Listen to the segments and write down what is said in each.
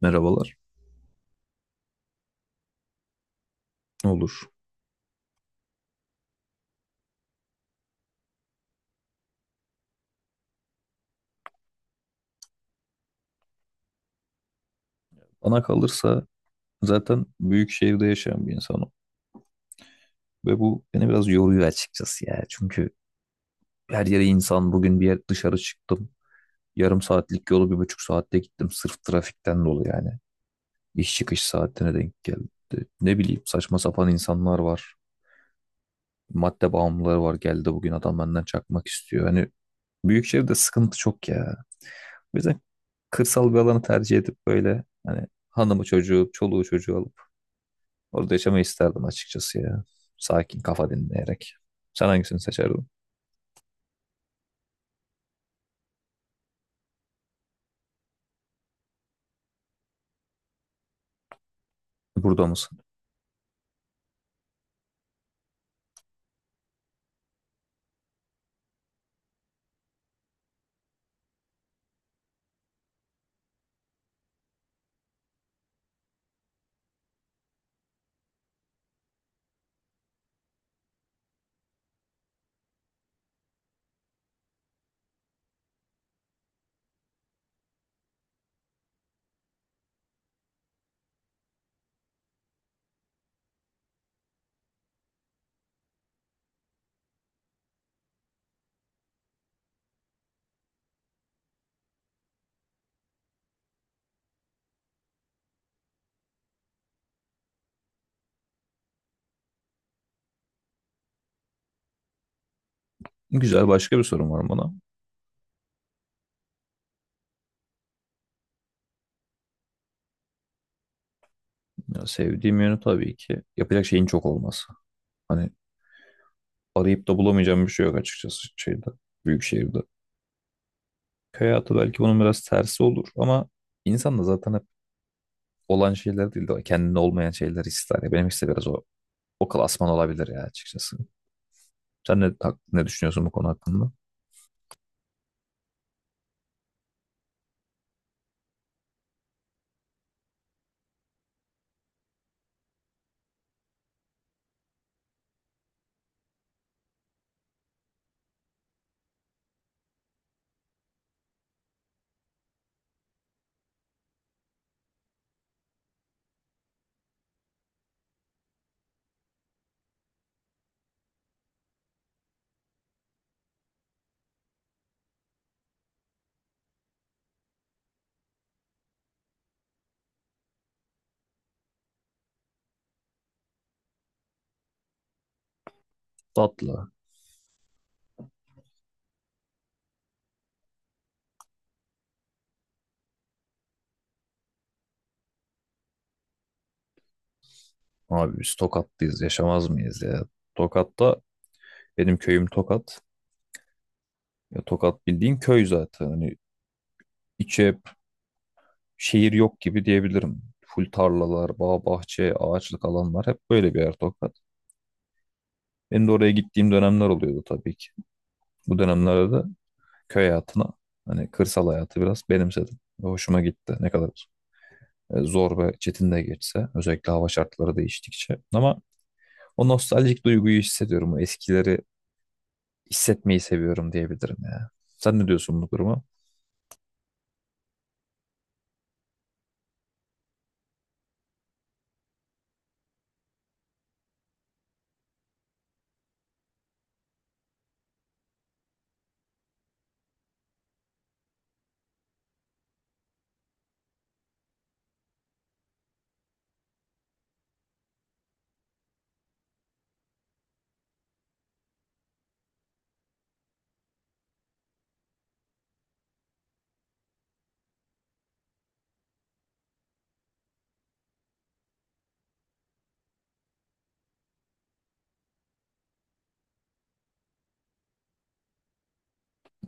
Merhabalar. Olur. Bana kalırsa zaten büyük şehirde yaşayan bir insanım. Ve bu beni biraz yoruyor açıkçası ya. Çünkü her yere insan bugün bir yer dışarı çıktım. Yarım saatlik yolu bir buçuk saatte gittim. Sırf trafikten dolayı yani. İş çıkış saatine denk geldi. Ne bileyim saçma sapan insanlar var. Madde bağımlıları var. Geldi bugün adam benden çakmak istiyor. Hani büyük şehirde sıkıntı çok ya. O yüzden kırsal bir alanı tercih edip böyle hani hanımı çocuğu, çoluğu çocuğu alıp orada yaşamayı isterdim açıkçası ya. Sakin kafa dinleyerek. Sen hangisini seçerdin? Burada mısın? Güzel başka bir sorun var bana. Ya sevdiğim yönü tabii ki yapacak şeyin çok olması. Hani arayıp da bulamayacağım bir şey yok açıkçası şeyde, büyük şehirde. Köy hayatı belki bunun biraz tersi olur ama insan da zaten hep olan şeyler değil de kendine olmayan şeyler ister. Ya benim işte biraz o klasman olabilir ya açıkçası. Sen ne ne düşünüyorsun bu konu hakkında? Tatlı. Abi biz Tokat'tayız yaşamaz mıyız ya? Tokat'ta. Benim köyüm Tokat. Ya Tokat bildiğin köy zaten. Hani içi hep şehir yok gibi diyebilirim. Full tarlalar, bağ bahçe, ağaçlık alanlar hep böyle bir yer Tokat. Benim de oraya gittiğim dönemler oluyordu tabii ki. Bu dönemlerde de köy hayatına hani kırsal hayatı biraz benimsedim. Ve hoşuma gitti. Ne kadar zor ve çetin de geçse özellikle hava şartları değiştikçe. Ama o nostaljik duyguyu hissediyorum. O eskileri hissetmeyi seviyorum diyebilirim ya. Sen ne diyorsun bu duruma?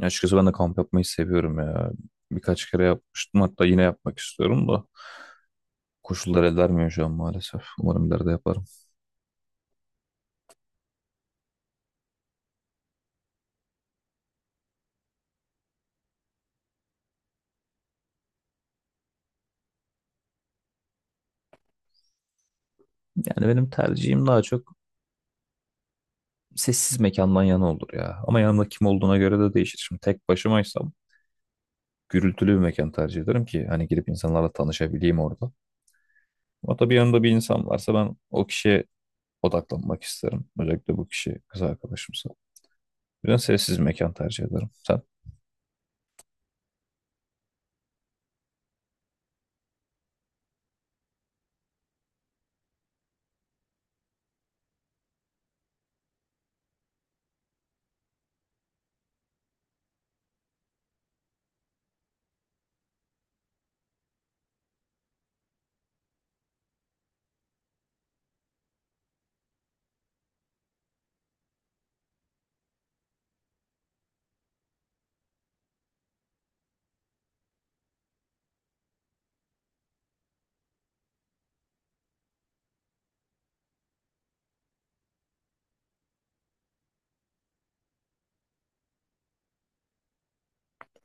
Açıkçası ben de kamp yapmayı seviyorum ya. Birkaç kere yapmıştım hatta yine yapmak istiyorum da koşullar el vermiyor şu an maalesef. Umarım ileride yaparım. Yani benim tercihim daha çok sessiz mekandan yana olur ya. Ama yanımda kim olduğuna göre de değişir. Şimdi tek başımaysam gürültülü bir mekan tercih ederim ki hani girip insanlarla tanışabileyim orada. Ama tabii yanımda bir insan varsa ben o kişiye odaklanmak isterim. Özellikle bu kişi kız arkadaşımsa. O yüzden sessiz mekan tercih ederim. Sen?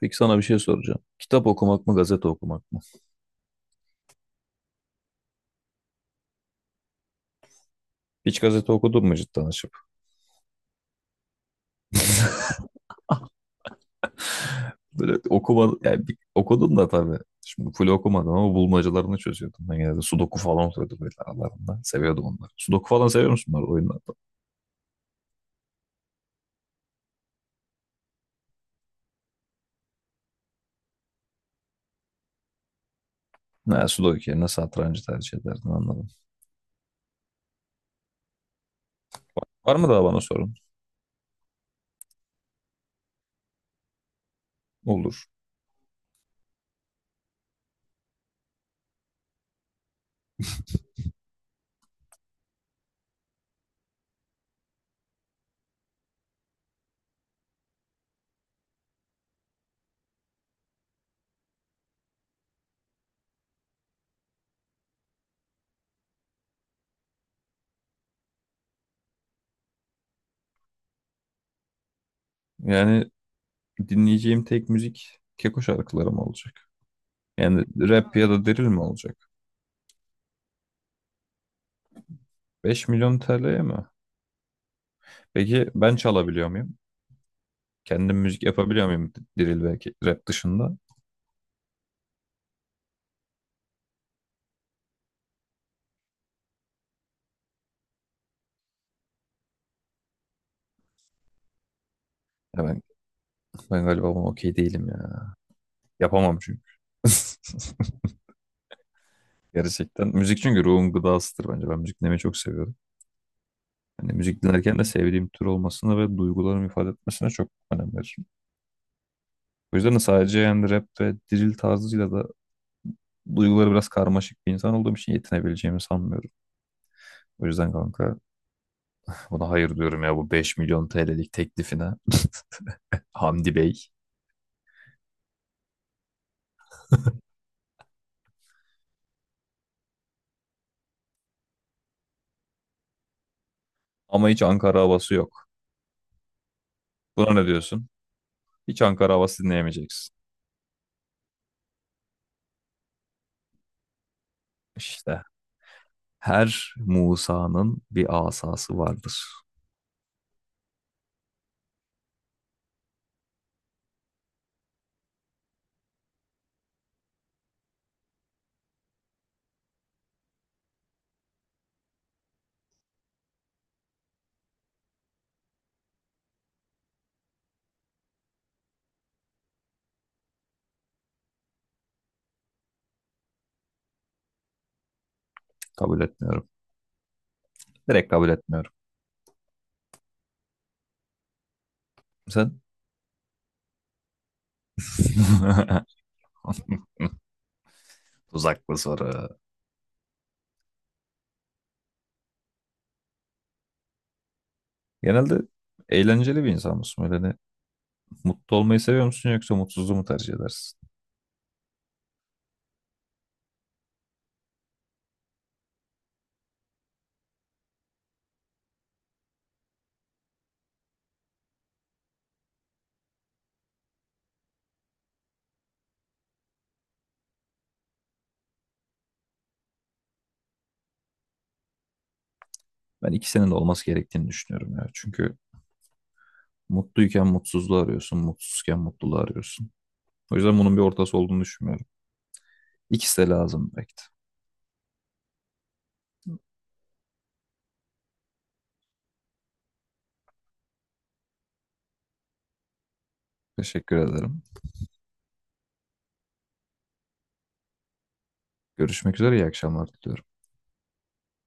Peki sana bir şey soracağım. Kitap okumak mı, gazete okumak mı? Hiç gazete okudun mu cidden açıp? Böyle okuma, yani okudum da tabii. Şimdi full okumadım ama bulmacalarını çözüyordum. Ben genelde sudoku falan oluyordu böyle aralarında. Seviyordum onları. Sudoku falan seviyor musun bunlar oyunlarda? Ne, sudoku yerine satrancı tercih ederdim, anladım. Var mı daha bana sorun? Olur. Yani dinleyeceğim tek müzik Keko şarkıları mı olacak? Yani rap ya da drill mi olacak? 5 milyon TL'ye mi? Peki ben çalabiliyor muyum? Kendim müzik yapabiliyor muyum drill ve rap dışında? Ya ben, ben galiba buna okey değilim ya. Yapamam çünkü. Gerçekten. Müzik çünkü ruhun gıdasıdır bence. Ben müzik dinlemeyi çok seviyorum. Hani müzik dinlerken de sevdiğim tür olmasına ve duygularımı ifade etmesine çok önem veririm. O yüzden de sadece yani rap ve drill tarzıyla da duyguları biraz karmaşık bir insan olduğum için yetinebileceğimi sanmıyorum. O yüzden kanka buna hayır diyorum ya, bu 5 milyon TL'lik teklifine. Hamdi Bey. Ama hiç Ankara havası yok. Buna ne diyorsun? Hiç Ankara havası dinleyemeyeceksin. İşte her Musa'nın bir asası vardır. Kabul etmiyorum. Direkt kabul etmiyorum. Sen? Tuzaklı soru. Genelde eğlenceli bir insan mısın? Böyle hani mutlu olmayı seviyor musun yoksa mutsuzluğu mu tercih edersin? Ben ikisinin de olması gerektiğini düşünüyorum ya. Çünkü mutluyken mutsuzluğu arıyorsun, mutsuzken mutluluğu arıyorsun. O yüzden bunun bir ortası olduğunu düşünmüyorum. İkisi de lazım belki de. Teşekkür ederim. Görüşmek üzere, iyi akşamlar diliyorum.